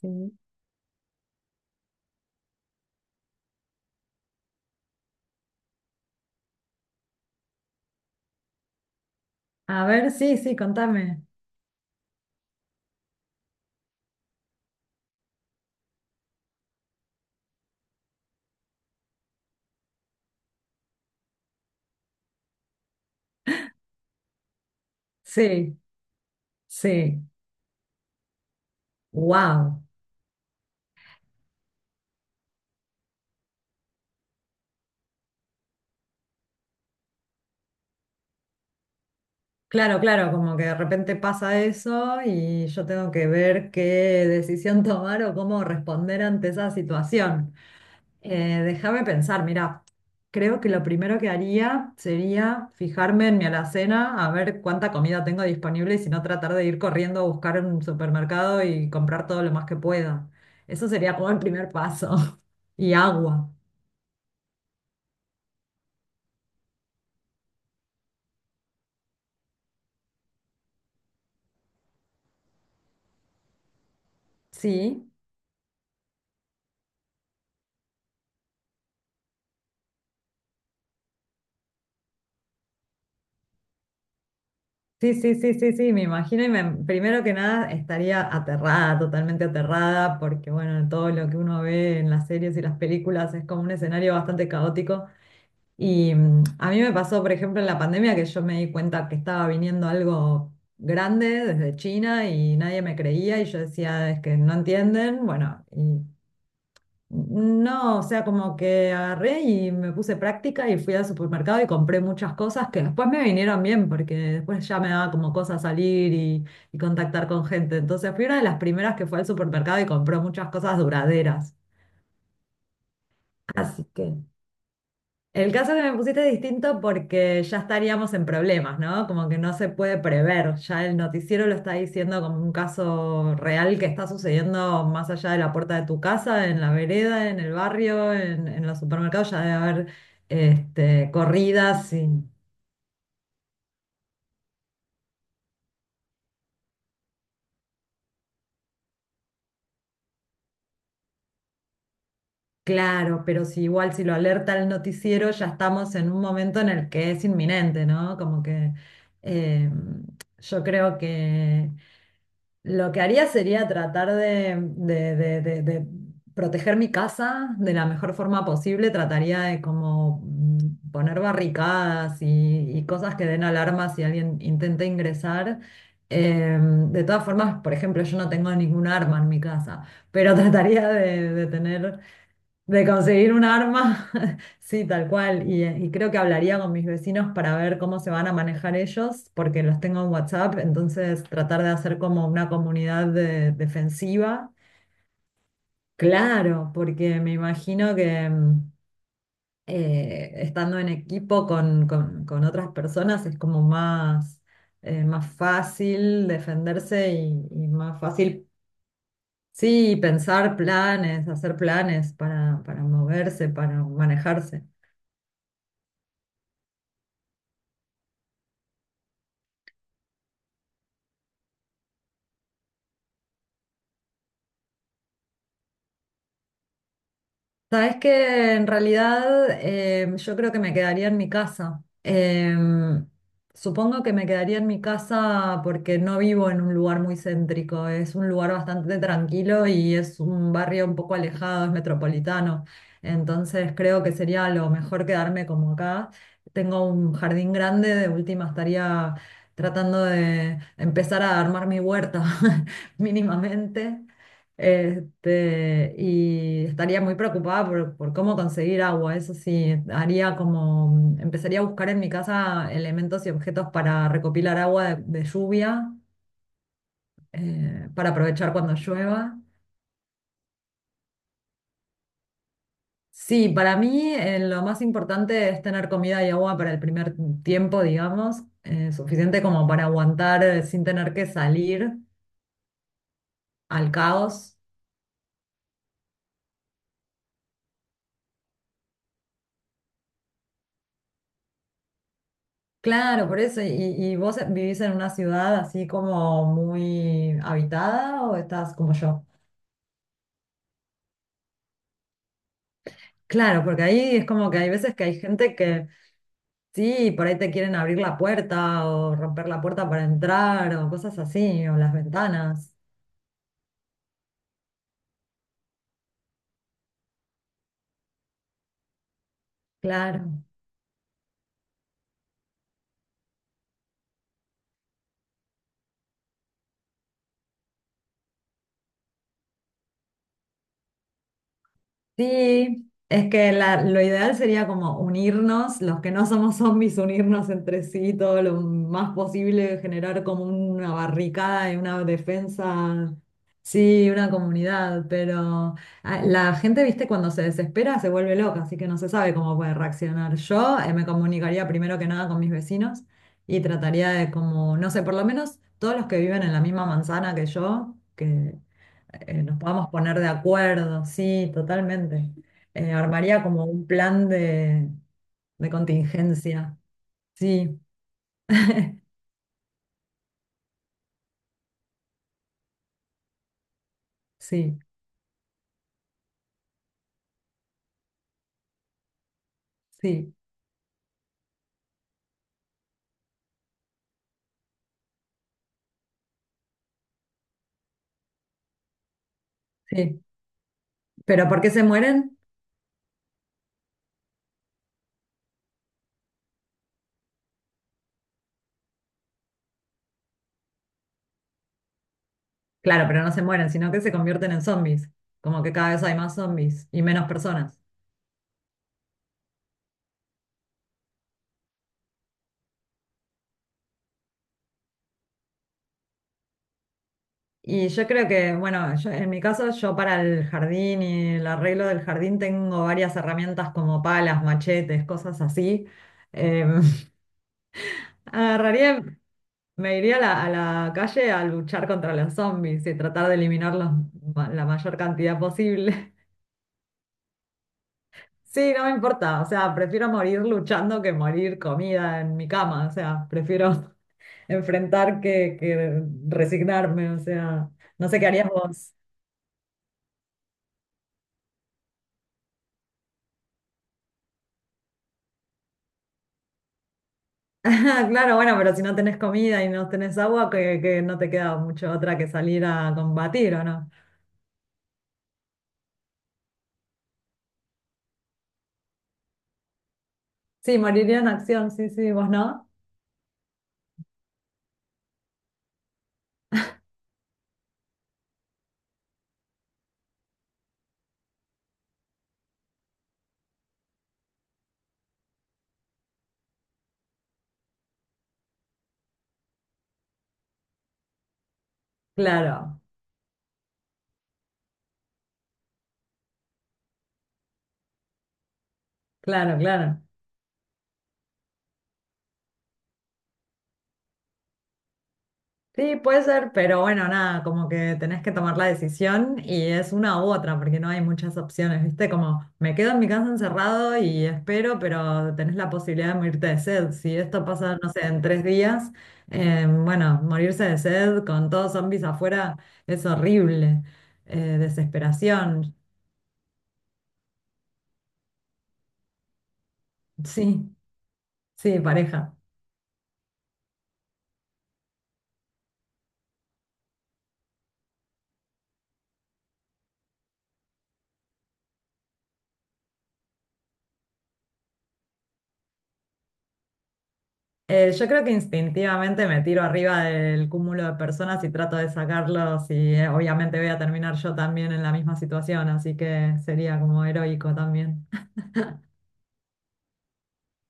Sí. A ver, sí, sí, contame. Sí, sí. Wow. Claro, claro, como que de repente pasa eso y yo tengo que ver qué decisión tomar o cómo responder ante esa situación. Déjame pensar, mira, creo que lo primero que haría sería fijarme en mi alacena, a ver cuánta comida tengo disponible y si no tratar de ir corriendo a buscar en un supermercado y comprar todo lo más que pueda. Eso sería como el primer paso. Y agua. Sí. Sí, sí, sí, sí, sí, me imagino y primero que nada estaría aterrada, totalmente aterrada, porque bueno, todo lo que uno ve en las series y las películas es como un escenario bastante caótico. Y a mí me pasó, por ejemplo, en la pandemia que yo me di cuenta que estaba viniendo algo grande desde China y nadie me creía y yo decía, es que no entienden, bueno, no, o sea, como que agarré y me puse práctica y fui al supermercado y compré muchas cosas que después me vinieron bien porque después ya me daba como cosa salir y contactar con gente. Entonces fui una de las primeras que fue al supermercado y compró muchas cosas duraderas. Así que el caso que me pusiste es distinto porque ya estaríamos en problemas, ¿no? Como que no se puede prever. Ya el noticiero lo está diciendo como un caso real que está sucediendo más allá de la puerta de tu casa, en la vereda, en el barrio, en los supermercados. Ya debe haber este, corridas. Y claro, pero si igual si lo alerta el noticiero, ya estamos en un momento en el que es inminente, ¿no? Como que eh, yo creo que lo que haría sería tratar de proteger mi casa de la mejor forma posible. Trataría de como poner barricadas y cosas que den alarma si alguien intenta ingresar. De todas formas, por ejemplo, yo no tengo ningún arma en mi casa, pero trataría de tener de conseguir un arma, sí, tal cual. Y creo que hablaría con mis vecinos para ver cómo se van a manejar ellos, porque los tengo en WhatsApp, entonces tratar de hacer como una comunidad defensiva. Claro, porque me imagino que estando en equipo con otras personas es como más, más fácil defenderse y más fácil, sí, pensar planes, hacer planes para moverse, para manejarse. Sabes que en realidad yo creo que me quedaría en mi casa. Em, supongo que me quedaría en mi casa porque no vivo en un lugar muy céntrico. Es un lugar bastante tranquilo y es un barrio un poco alejado, es metropolitano. Entonces creo que sería lo mejor quedarme como acá. Tengo un jardín grande, de última estaría tratando de empezar a armar mi huerta mínimamente. Este, y estaría muy preocupada por cómo conseguir agua. Eso sí, haría como, empezaría a buscar en mi casa elementos y objetos para recopilar agua de lluvia, para aprovechar cuando llueva. Sí, para mí lo más importante es tener comida y agua para el primer tiempo, digamos, suficiente como para aguantar sin tener que salir al caos. Claro, por eso. Y vos vivís en una ciudad así como muy habitada o estás como yo? Claro, porque ahí es como que hay veces que hay gente que sí, por ahí te quieren abrir la puerta o romper la puerta para entrar o cosas así, o las ventanas. Claro. Sí, es que lo ideal sería como unirnos, los que no somos zombies, unirnos entre sí todo lo más posible, generar como una barricada y una defensa, sí, una comunidad, pero ah, la gente, viste, cuando se desespera se vuelve loca, así que no se sabe cómo puede reaccionar. Yo me comunicaría primero que nada con mis vecinos y trataría de como, no sé, por lo menos todos los que viven en la misma manzana que yo, que nos podamos poner de acuerdo, sí, totalmente. Armaría como un plan de contingencia. Sí, sí, sí, sí. ¿Pero por qué se mueren? Claro, pero no se mueren, sino que se convierten en zombies. Como que cada vez hay más zombies y menos personas. Y yo creo que, bueno, en mi caso, yo para el jardín y el arreglo del jardín tengo varias herramientas como palas, machetes, cosas así. Em, agarraría. Me iría a la calle a luchar contra los zombies y tratar de eliminarlos la mayor cantidad posible. Sí, no me importa, o sea, prefiero morir luchando que morir comida en mi cama, o sea, prefiero enfrentar que resignarme, o sea, no sé qué harías vos. Claro, bueno, pero si no tenés comida y no tenés agua, que no te queda mucho otra que salir a combatir, ¿o no? Sí, moriría en acción, sí, sí, vos no. Claro, claro, claro. Sí, puede ser, pero bueno, nada, como que tenés que tomar la decisión y es una u otra, porque no hay muchas opciones, ¿viste? Como me quedo en mi casa encerrado y espero, pero tenés la posibilidad de morirte de sed. Si esto pasa, no sé, en tres días, bueno, morirse de sed con todos zombies afuera es horrible. Desesperación, sí, sí, pareja. Yo creo que instintivamente me tiro arriba del cúmulo de personas y trato de sacarlos y obviamente voy a terminar yo también en la misma situación, así que sería como heroico también.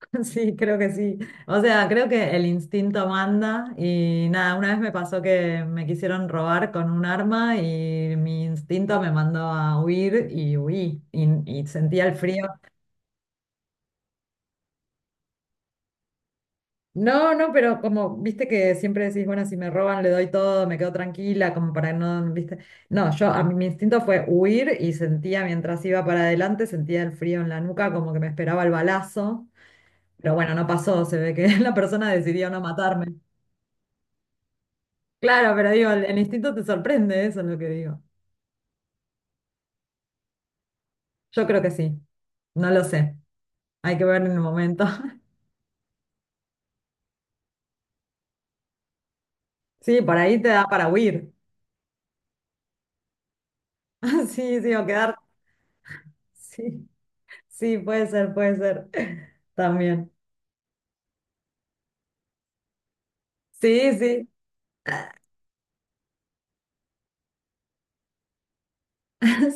Sí, creo que sí. O sea, creo que el instinto manda y nada, una vez me pasó que me quisieron robar con un arma y mi instinto me mandó a huir y huí y sentía el frío. No, no, pero como, viste que siempre decís, bueno, si me roban le doy todo, me quedo tranquila, como para no, viste. No, yo, a mí mi instinto fue huir y sentía mientras iba para adelante, sentía el frío en la nuca, como que me esperaba el balazo, pero bueno, no pasó, se ve que la persona decidió no matarme. Claro, pero digo, el instinto te sorprende, eso es lo que digo. Yo creo que sí, no lo sé, hay que ver en el momento. Sí, por ahí te da para huir. Sí, sí, o quedar. Sí, sí, puede ser, puede ser. También. Sí, sí.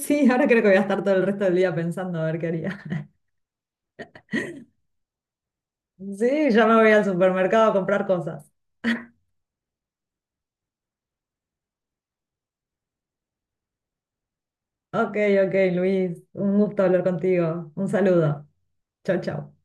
Sí, ahora creo que voy a estar todo el resto del día pensando a ver qué haría. Sí, ya me voy al supermercado a comprar cosas. Ok, ok, Luis, un gusto hablar contigo. Un saludo. Chau, chau.